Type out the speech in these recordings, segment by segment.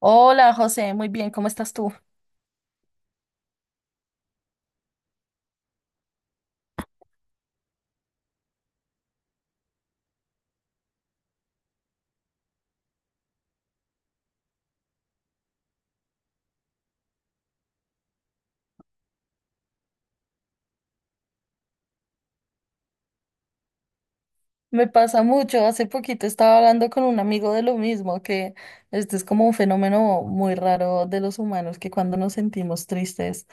Hola José, muy bien, ¿cómo estás tú? Me pasa mucho, hace poquito estaba hablando con un amigo de lo mismo, que este es como un fenómeno muy raro de los humanos, que cuando nos sentimos tristes,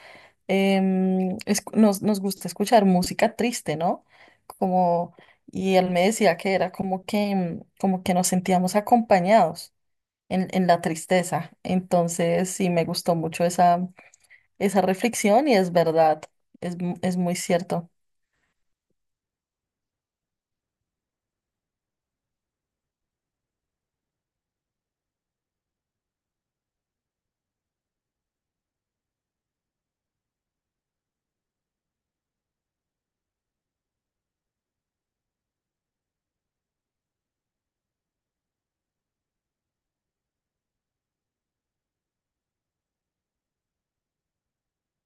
nos gusta escuchar música triste, ¿no? Como, y él me decía que era como que, como que nos sentíamos acompañados en la tristeza. Entonces, sí, me gustó mucho esa reflexión y es verdad, es muy cierto.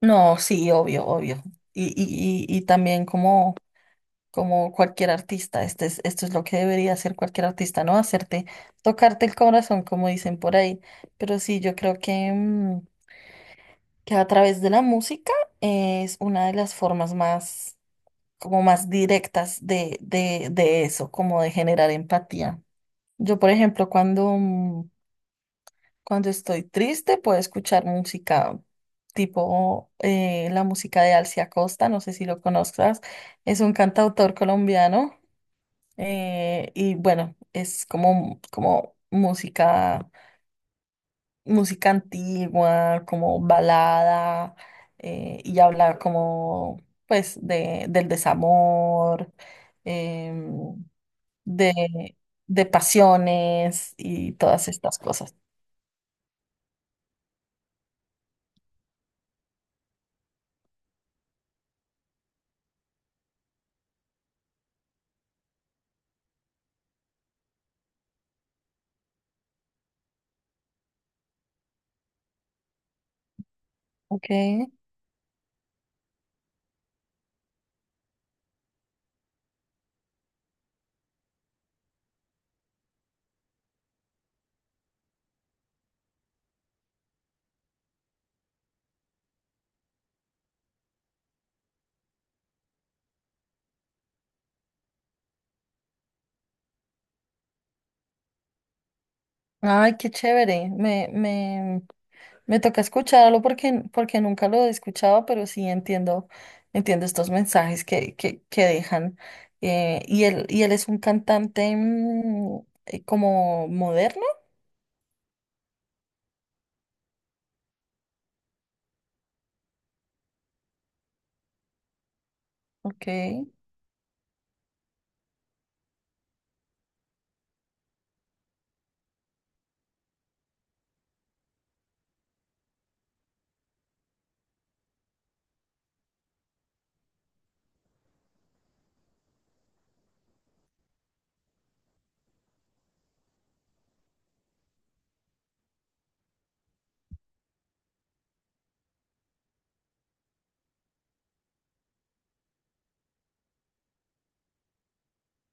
No, sí, obvio, obvio. Y también como, como cualquier artista, esto es lo que debería hacer cualquier artista, ¿no? Hacerte, tocarte el corazón, como dicen por ahí. Pero sí, yo creo que, que a través de la música es una de las formas más, como más directas de eso, como de generar empatía. Yo, por ejemplo, cuando estoy triste, puedo escuchar música tipo la música de Alcia Costa, no sé si lo conozcas, es un cantautor colombiano, y bueno, es como, música antigua, como balada, y habla como pues de, del desamor, em, de, de pasiones y todas estas cosas. Ok. Ay, qué chévere. Me toca escucharlo porque, porque nunca lo he escuchado, pero sí entiendo, entiendo estos mensajes que dejan. Y él es un cantante como moderno. Ok.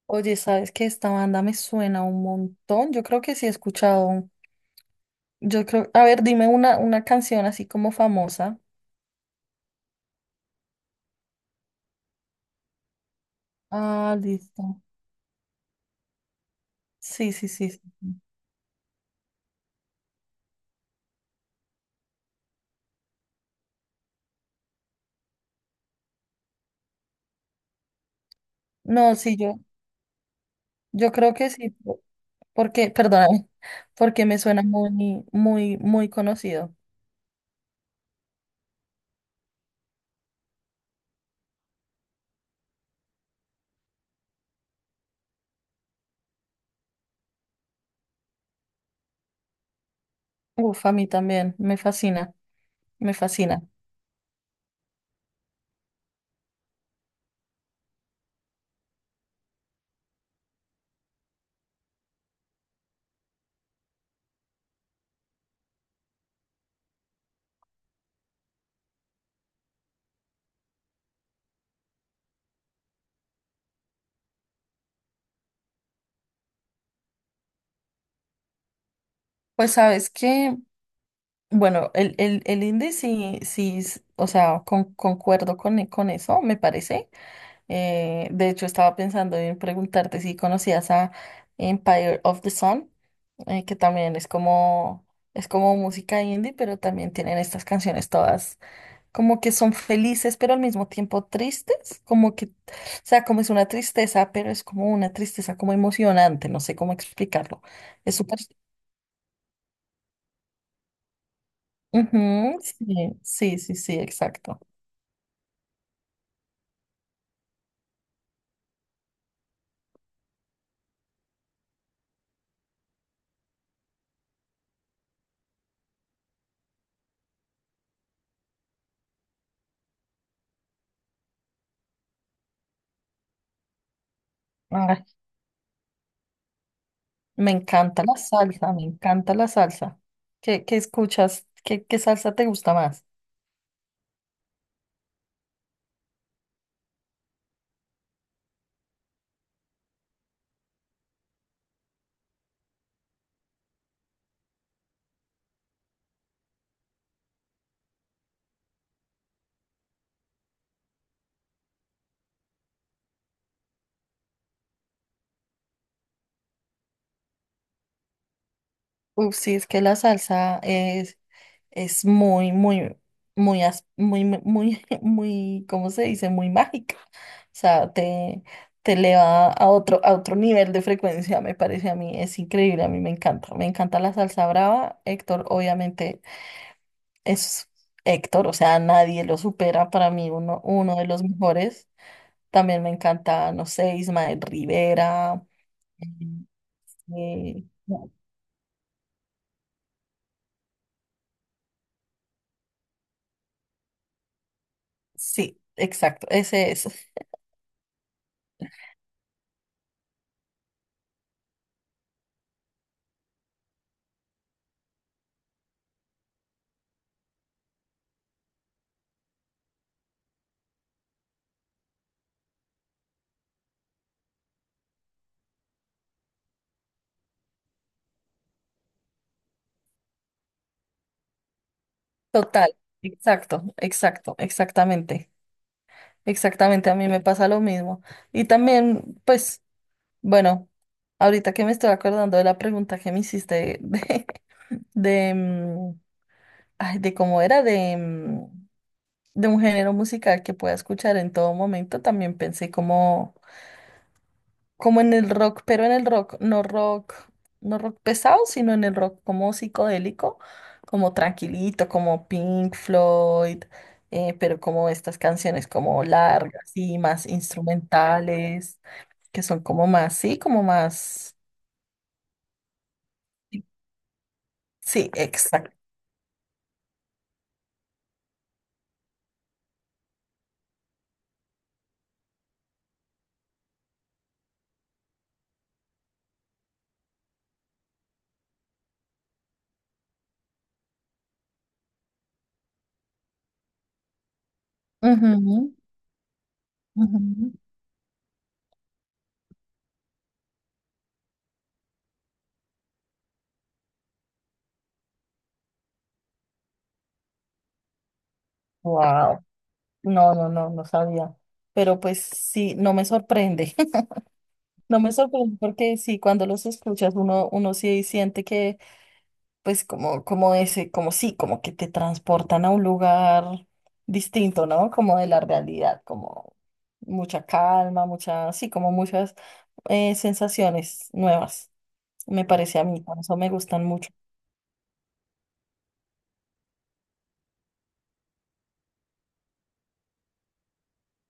Oye, ¿sabes que esta banda me suena un montón? Yo creo que sí he escuchado. Yo creo, a ver, dime una canción así como famosa. Ah, listo. Sí, sí, sí, sí. No, sí, yo creo que sí. Porque, perdóname, porque me suena muy, muy, muy conocido. Uf, a mí también, me fascina, me fascina. Pues sabes que, bueno, el indie sí, sí, o sea, concuerdo con eso, me parece. De hecho, estaba pensando en preguntarte si conocías a Empire of the Sun, que también es como música indie, pero también tienen estas canciones todas, como que son felices, pero al mismo tiempo tristes, como que, o sea, como es una tristeza, pero es como una tristeza como emocionante, no sé cómo explicarlo. Es súper... Ujú, sí, sí, sí, sí, exacto. Ay, me encanta la salsa, me encanta la salsa. ¿Qué, qué escuchas? ¿Qué, qué salsa te gusta más? Uf, sí, es que la salsa es... Es muy, muy, muy, muy, muy, muy, ¿cómo se dice? Muy mágica. O sea, te eleva a otro nivel de frecuencia, me parece a mí. Es increíble, a mí me encanta. Me encanta la salsa brava. Héctor, obviamente, es Héctor, o sea, nadie lo supera. Para mí, uno, uno de los mejores. También me encanta, no sé, Ismael Rivera. Mm, no, sí, exacto, ese es. Total, exacto, exacto, exactamente. Exactamente, a mí me pasa lo mismo. Y también, pues, bueno, ahorita que me estoy acordando de la pregunta que me hiciste de, mm, ay, de cómo era, de un género musical que pueda escuchar en todo momento, también pensé como como en el rock, pero en el rock, no rock, no rock pesado, sino en el rock como psicodélico, como tranquilito, como Pink Floyd, pero como estas canciones como largas y más instrumentales, que son como más, sí, exacto. Ujú, ujú. Wow, no, no, no, no sabía. Pero pues sí, no me sorprende. No me sorprende porque sí, cuando los escuchas uno, uno sí siente que pues como, como ese, como sí, como que te transportan a un lugar distinto, ¿no? Como de la realidad, como mucha calma, mucha, sí, como muchas sensaciones nuevas, me parece a mí, por eso me gustan mucho.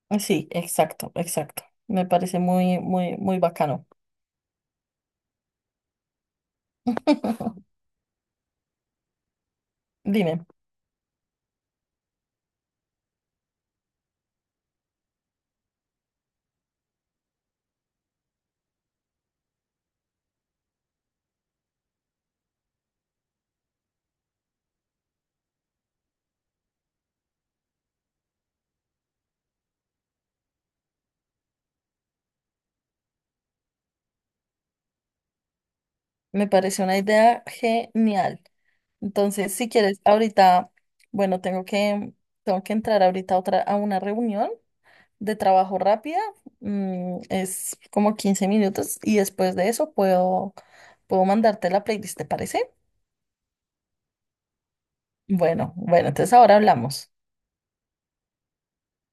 Ah, sí, exacto, exacto. Me parece muy, muy, muy bacano. Dime, me parece una idea genial. Entonces, si quieres, ahorita, bueno, tengo que entrar ahorita a otra, a una reunión de trabajo rápida, es como 15 minutos y después de eso puedo mandarte la playlist, ¿te parece? Bueno, bueno, entonces ahora hablamos.